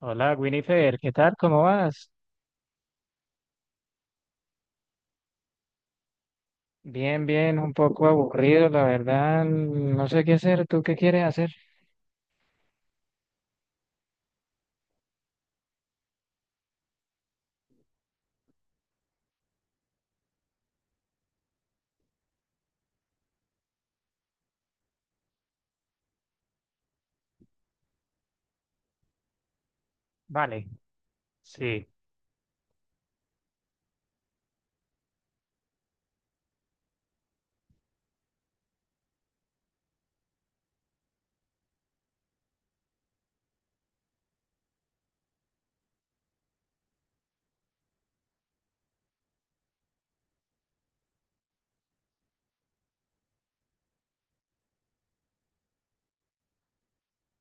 Hola, Winifred, ¿qué tal? ¿Cómo vas? Bien, bien, un poco aburrido, la verdad, no sé qué hacer. ¿Tú qué quieres hacer? Vale, sí,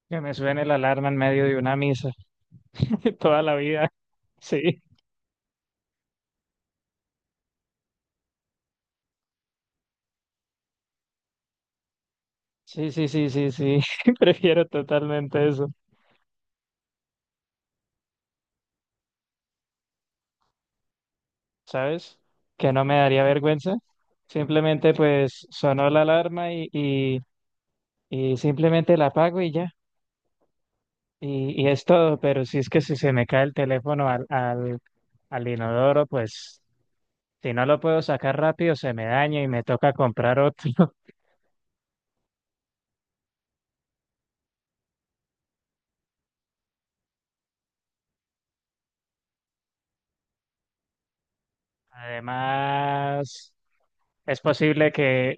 que me suene la alarma en medio de una misa toda la vida. Sí, sí, sí, sí, sí, sí, prefiero totalmente eso, ¿sabes? Que no me daría vergüenza. Simplemente pues sonó la alarma y, y simplemente la apago y ya. Y es todo, pero si es que si se me cae el teléfono al inodoro, pues si no lo puedo sacar rápido, se me daña y me toca comprar otro. Además, es posible que,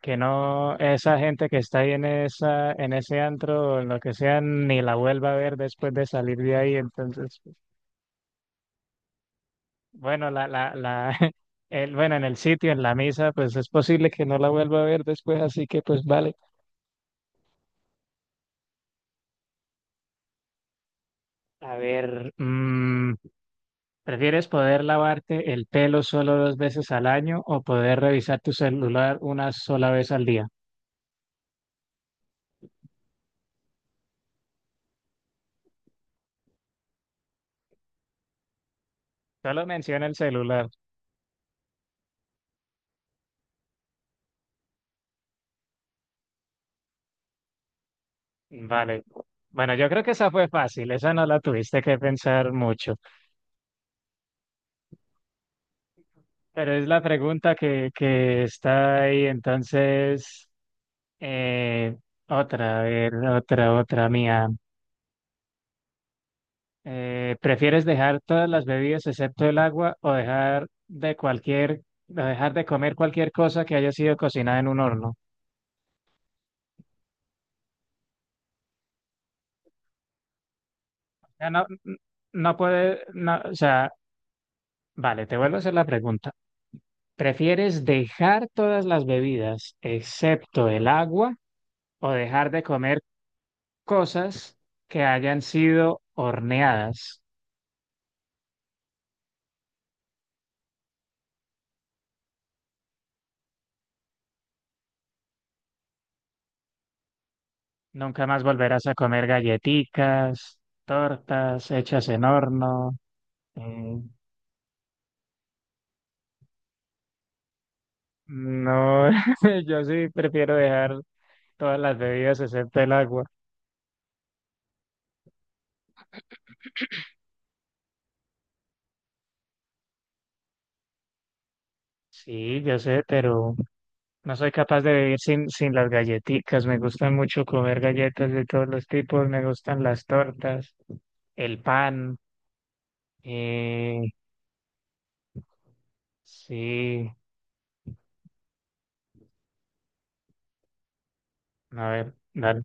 que no esa gente que está ahí en esa, en ese antro o en lo que sea, ni la vuelva a ver después de salir de ahí. Entonces, pues, bueno, bueno, en el sitio, en la misa, pues es posible que no la vuelva a ver después, así que pues vale. A ver, ¿prefieres poder lavarte el pelo solo dos veces al año o poder revisar tu celular una sola vez al día? Solo menciona el celular. Vale. Bueno, yo creo que esa fue fácil, esa no la tuviste que pensar mucho, pero es la pregunta que está ahí. Entonces, eh, otra, a ver, otra mía. ¿Prefieres dejar todas las bebidas excepto el agua o dejar de cualquier, o dejar de comer cualquier cosa que haya sido cocinada en un horno? Ya no, no puede, no, o sea, vale, te vuelvo a hacer la pregunta. ¿Prefieres dejar todas las bebidas excepto el agua o dejar de comer cosas que hayan sido horneadas? Nunca más volverás a comer galletitas, tortas hechas en horno. eh, no, yo sí prefiero dejar todas las bebidas excepto el agua. Sí, yo sé, pero no soy capaz de vivir sin las galletitas. Me gusta mucho comer galletas de todos los tipos, me gustan las tortas, el pan. Eh, sí, a ver, dale.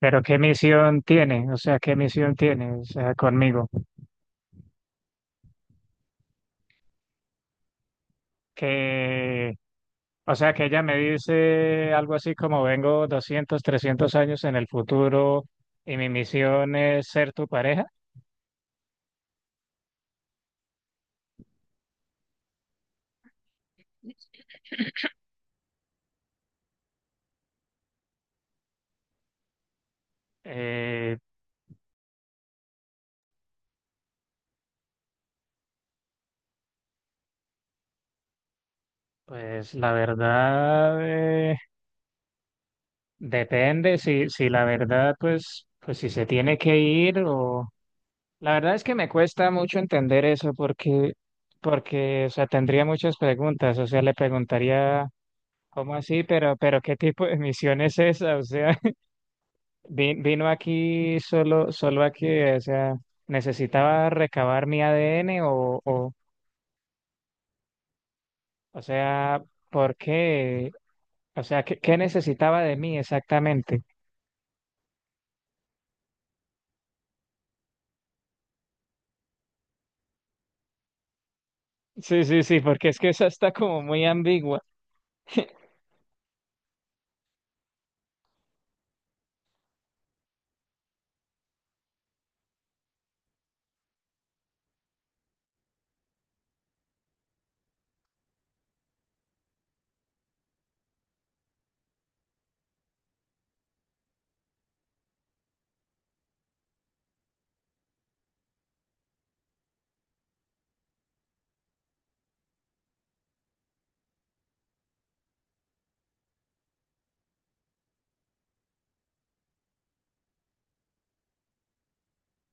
Pero ¿qué misión tiene? O sea, ¿qué misión tiene? O sea, conmigo. Que, o sea, que ella me dice algo así como vengo 200, 300 años en el futuro y mi misión es ser tu pareja. Eh, pues la verdad, eh, depende si la verdad, pues, pues si se tiene que ir o... La verdad es que me cuesta mucho entender eso porque, porque, o sea, tendría muchas preguntas, o sea, le preguntaría, ¿cómo así? Pero, ¿qué tipo de misión es esa? O sea, vino aquí solo aquí, o sea, ¿necesitaba recabar mi ADN o sea, ¿por qué? O sea, ¿qué, qué necesitaba de mí exactamente? Sí, sí, sí, porque es que esa está como muy ambigua.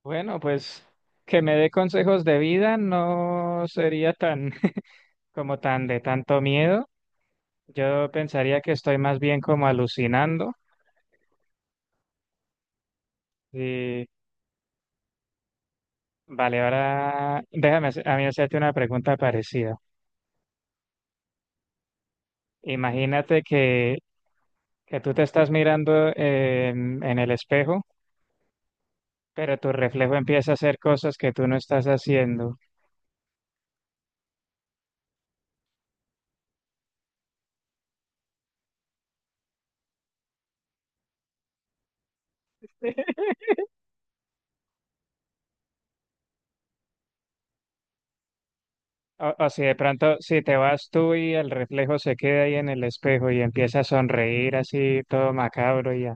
Bueno, pues que me dé consejos de vida no sería tan... como tan de tanto miedo. Yo pensaría que estoy más bien como alucinando. Y vale, ahora déjame hacer- a mí hacerte una pregunta parecida. Imagínate que tú te estás mirando en el espejo, pero tu reflejo empieza a hacer cosas que tú no estás haciendo. O si de pronto, si te vas tú y el reflejo se queda ahí en el espejo y empieza a sonreír así todo macabro y ya.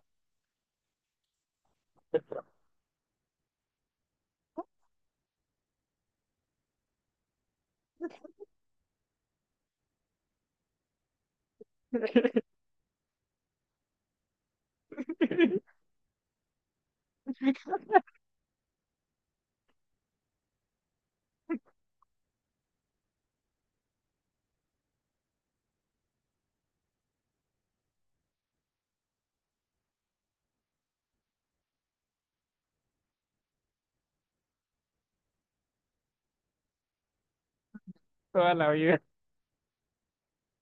Toda la vida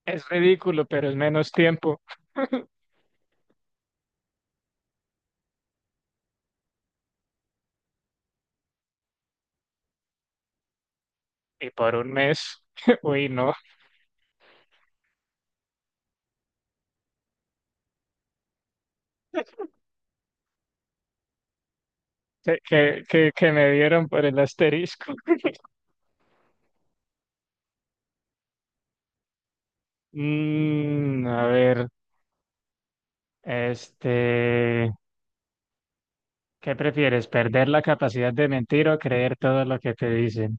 es ridículo, pero es menos tiempo. Y por un mes, uy, no, que me dieron por el asterisco. A ver, este, ¿qué prefieres? ¿Perder la capacidad de mentir o creer todo lo que te dicen?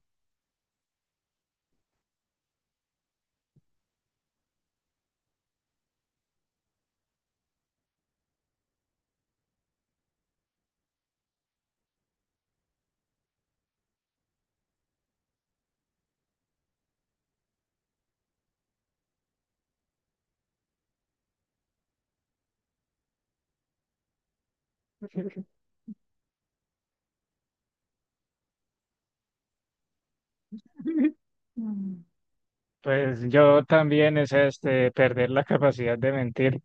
Mm. Pues yo también es este, perder la capacidad de mentir,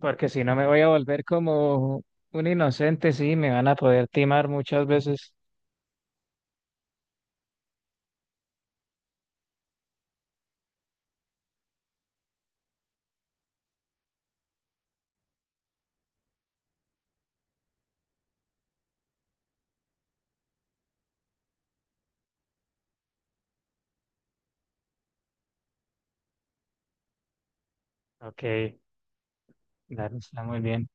porque si no me voy a volver como un inocente, sí, me van a poder timar muchas veces. Ok, claro, está muy bien.